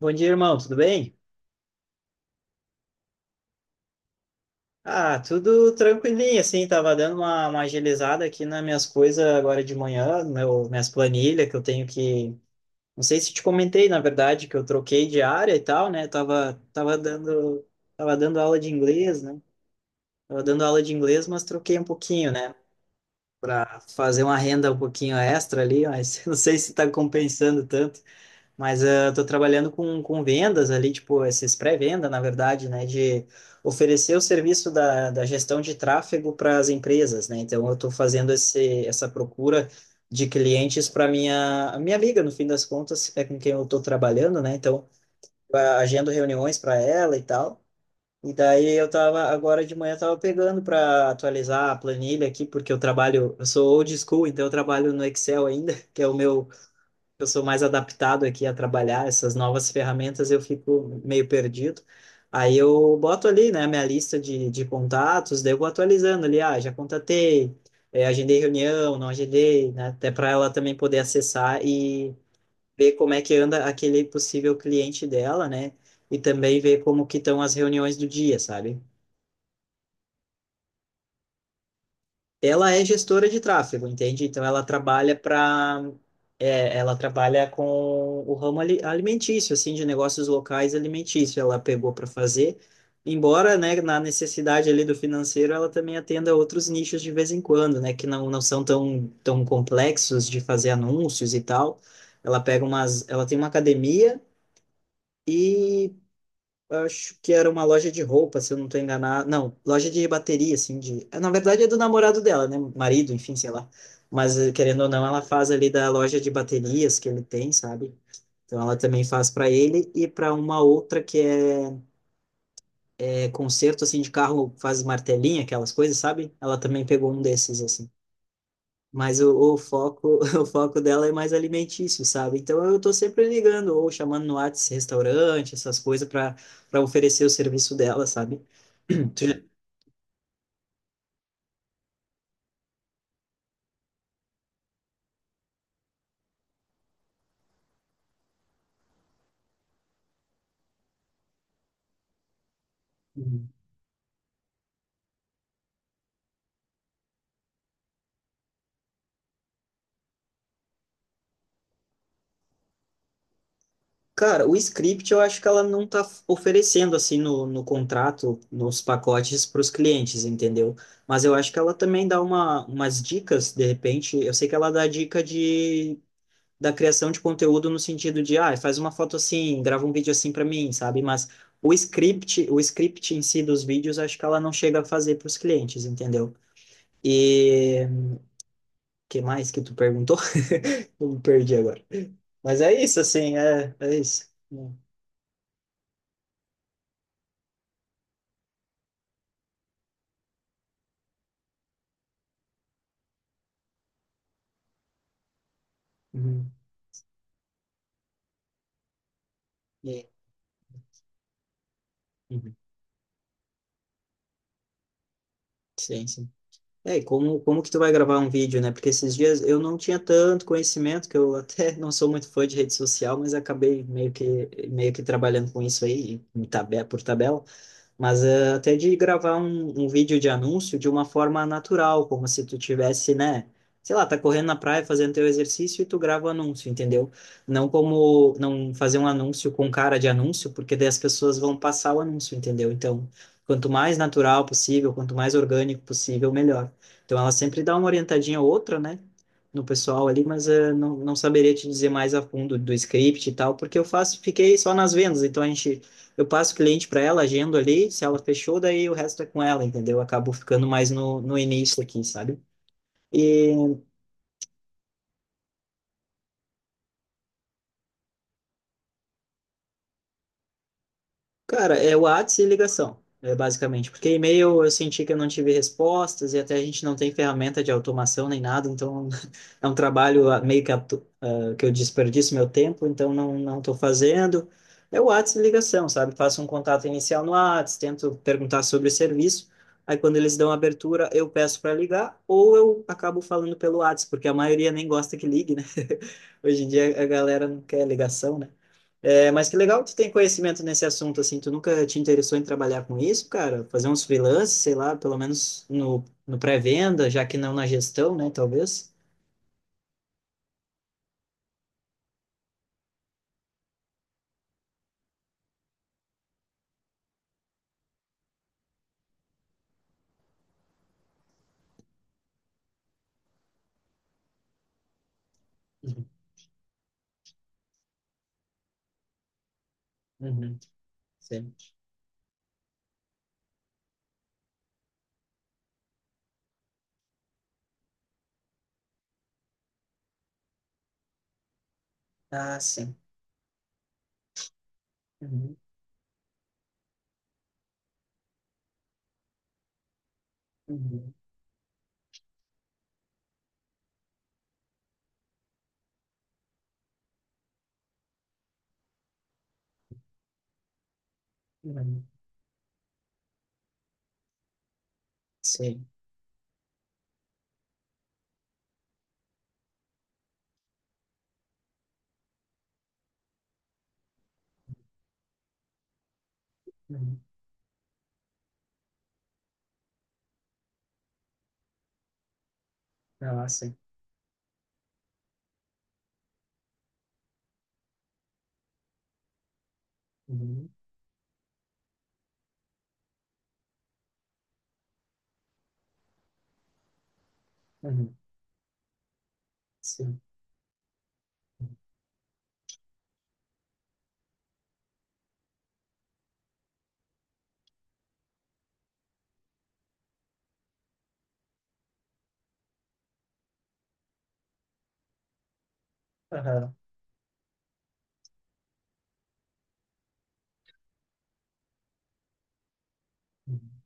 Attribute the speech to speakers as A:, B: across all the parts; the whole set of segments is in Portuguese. A: Bom dia, irmão, tudo bem? Ah, tudo tranquilinho, assim, tava dando uma agilizada aqui nas minhas coisas agora de manhã, no meu, minhas planilhas que eu tenho que. Não sei se te comentei, na verdade, que eu troquei de área e tal, né? Tava dando aula de inglês, né? Tava dando aula de inglês, mas troquei um pouquinho, né? Pra fazer uma renda um pouquinho extra ali, mas não sei se tá compensando tanto. Mas eu estou trabalhando com vendas ali, tipo, esses pré-venda, na verdade, né, de oferecer o serviço da gestão de tráfego para as empresas, né? Então, eu estou fazendo essa procura de clientes para minha a minha amiga, no fim das contas, é com quem eu estou trabalhando, né? Então, eu agendo reuniões para ela e tal. E daí eu tava agora de manhã eu tava pegando para atualizar a planilha aqui, porque eu trabalho, eu sou old school, então eu trabalho no Excel ainda, que é o meu. Eu sou mais adaptado aqui a trabalhar essas novas ferramentas, eu fico meio perdido. Aí eu boto ali, né, minha lista de contatos, daí eu vou atualizando ali, ah, já contatei, agendei reunião, não agendei, né, até para ela também poder acessar e ver como é que anda aquele possível cliente dela, né, e também ver como que estão as reuniões do dia, sabe? Ela é gestora de tráfego, entende? Então ela trabalha para é, ela trabalha com o ramo alimentício, assim, de negócios locais alimentícios. Ela pegou para fazer, embora, né, na necessidade ali do financeiro, ela também atenda outros nichos de vez em quando, né, que não, não são tão, tão complexos de fazer anúncios e tal. Ela tem uma academia e acho que era uma loja de roupa, se eu não tô enganado. Não, loja de bateria, assim, de. Na verdade é do namorado dela, né? Marido, enfim, sei lá. Mas, querendo ou não, ela faz ali da loja de baterias que ele tem, sabe? Então ela também faz para ele e para uma outra que é conserto, assim, de carro, faz martelinha, aquelas coisas, sabe? Ela também pegou um desses, assim. Mas o foco, o foco dela é mais alimentício, sabe? Então eu tô sempre ligando ou chamando no Whats restaurante, essas coisas para oferecer o serviço dela, sabe? Tu já- Uhum. Cara, o script eu acho que ela não tá oferecendo assim no contrato, nos pacotes para os clientes, entendeu? Mas eu acho que ela também dá umas dicas, de repente. Eu sei que ela dá dica de da criação de conteúdo no sentido de, ah, faz uma foto assim, grava um vídeo assim para mim, sabe? Mas o script em si dos vídeos, acho que ela não chega a fazer para os clientes, entendeu? E o que mais que tu perguntou? Eu me perdi agora. Mas é isso, assim, é isso. Uhum. E- uhum. Sim, sim. É, e como que tu vai gravar um vídeo, né? Porque esses dias eu não tinha tanto conhecimento, que eu até não sou muito fã de rede social, mas acabei meio que trabalhando com isso aí, em por tabela. Mas até de gravar um vídeo de anúncio de uma forma natural, como se tu tivesse, né, sei lá, tá correndo na praia fazendo teu exercício e tu grava o anúncio, entendeu? Não como não fazer um anúncio com cara de anúncio, porque daí as pessoas vão passar o anúncio, entendeu? Então, quanto mais natural possível, quanto mais orgânico possível, melhor. Então, ela sempre dá uma orientadinha ou outra, né? No pessoal ali, mas não, não saberia te dizer mais a fundo do script e tal, porque eu faço, fiquei só nas vendas, então a gente eu passo o cliente para ela, agendo ali, se ela fechou, daí o resto é com ela, entendeu? Eu acabo ficando mais no início aqui, sabe? E Cara, é WhatsApp e ligação, é basicamente. Porque e-mail eu senti que eu não tive respostas e até a gente não tem ferramenta de automação nem nada, então é um trabalho meio que, que eu desperdiço meu tempo, então não estou fazendo. É WhatsApp e ligação, sabe? Faço um contato inicial no WhatsApp, tento perguntar sobre o serviço. Aí quando eles dão abertura, eu peço para ligar ou eu acabo falando pelo WhatsApp, porque a maioria nem gosta que ligue, né? Hoje em dia a galera não quer ligação, né? É, mas que legal que tu tem conhecimento nesse assunto, assim, tu nunca te interessou em trabalhar com isso, cara? Fazer uns freelances, sei lá, pelo menos no pré-venda, já que não na gestão, né, talvez? Uhum. Uhum. Sim. Ah, sim. Uhum. Uhum. Uhum. Sim. Uhum. Ah, sim. Uhum. Uhum. Sim. Aham. Uhum.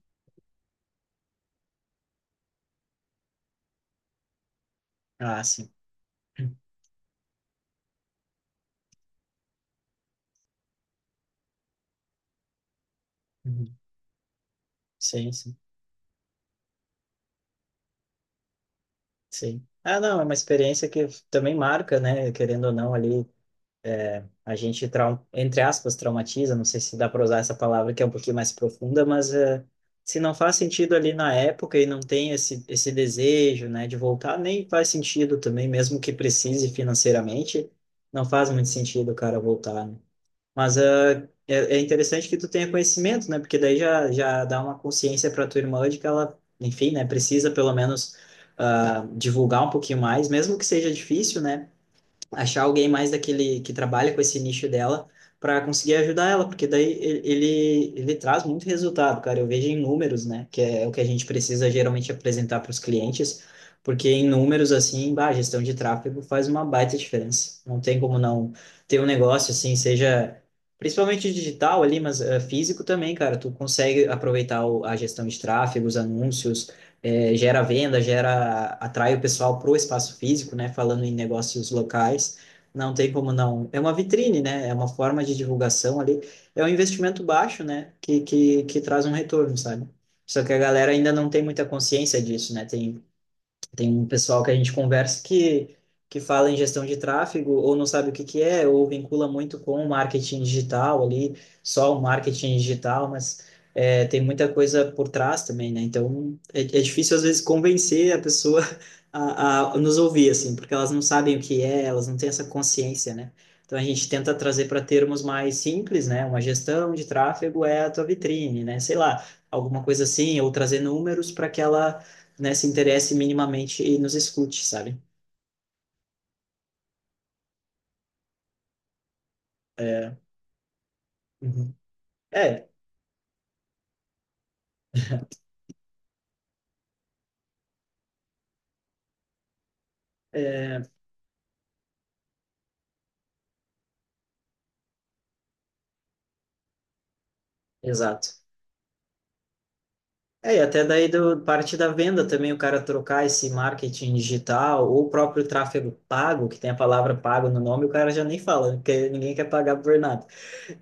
A: Ah, sim. Uhum. Sim, sim, sim. Ah, não, é uma experiência que também marca, né? Querendo ou não, ali. É, a gente, entre aspas, traumatiza, não sei se dá para usar essa palavra que é um pouquinho mais profunda, mas se não faz sentido ali na época e não tem esse desejo, né, de voltar, nem faz sentido também, mesmo que precise financeiramente, não faz muito sentido o cara voltar, né? Mas é interessante que tu tenha conhecimento, né, porque daí já dá uma consciência para tua irmã de que ela, enfim, né, precisa pelo menos ah, divulgar um pouquinho mais, mesmo que seja difícil, né? Achar alguém mais daquele que trabalha com esse nicho dela para conseguir ajudar ela, porque daí ele, traz muito resultado, cara. Eu vejo em números, né, que é o que a gente precisa geralmente apresentar para os clientes, porque em números, assim, bah, a gestão de tráfego faz uma baita diferença. Não tem como não ter um negócio assim, seja. Principalmente digital ali, mas físico também, cara. Tu consegue aproveitar a gestão de tráfego, os anúncios, é, gera venda, gera, atrai o pessoal para o espaço físico, né? Falando em negócios locais, não tem como não. É uma vitrine, né? É uma forma de divulgação ali. É um investimento baixo, né? Que traz um retorno, sabe? Só que a galera ainda não tem muita consciência disso, né? Tem um pessoal que a gente conversa que fala em gestão de tráfego ou não sabe o que que é, ou vincula muito com o marketing digital ali, só o marketing digital, mas é, tem muita coisa por trás também, né? Então é difícil às vezes convencer a pessoa a nos ouvir, assim, porque elas não sabem o que é, elas não têm essa consciência, né? Então a gente tenta trazer para termos mais simples, né? Uma gestão de tráfego é a tua vitrine, né? Sei lá, alguma coisa assim, ou trazer números para que ela né, se interesse minimamente e nos escute, sabe? É, uhum. É, é, exato. É, e até daí parte da venda também, o cara trocar esse marketing digital ou o próprio tráfego pago, que tem a palavra pago no nome, o cara já nem fala, né? Porque ninguém quer pagar por nada.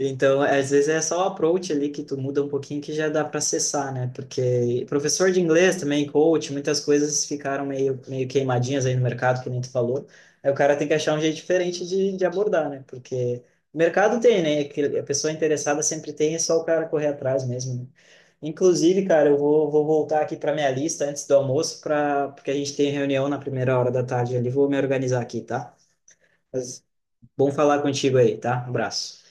A: Então, às vezes é só o approach ali que tu muda um pouquinho que já dá para acessar, né? Porque professor de inglês também, coach, muitas coisas ficaram meio, meio queimadinhas aí no mercado, que nem tu falou. Aí o cara tem que achar um jeito diferente de abordar, né? Porque mercado tem, né? Que a pessoa interessada sempre tem, é só o cara correr atrás mesmo, né? Inclusive, cara, eu vou voltar aqui para minha lista antes do almoço, porque a gente tem reunião na primeira hora da tarde ali. Vou me organizar aqui, tá? Mas bom falar contigo aí, tá? Abraço.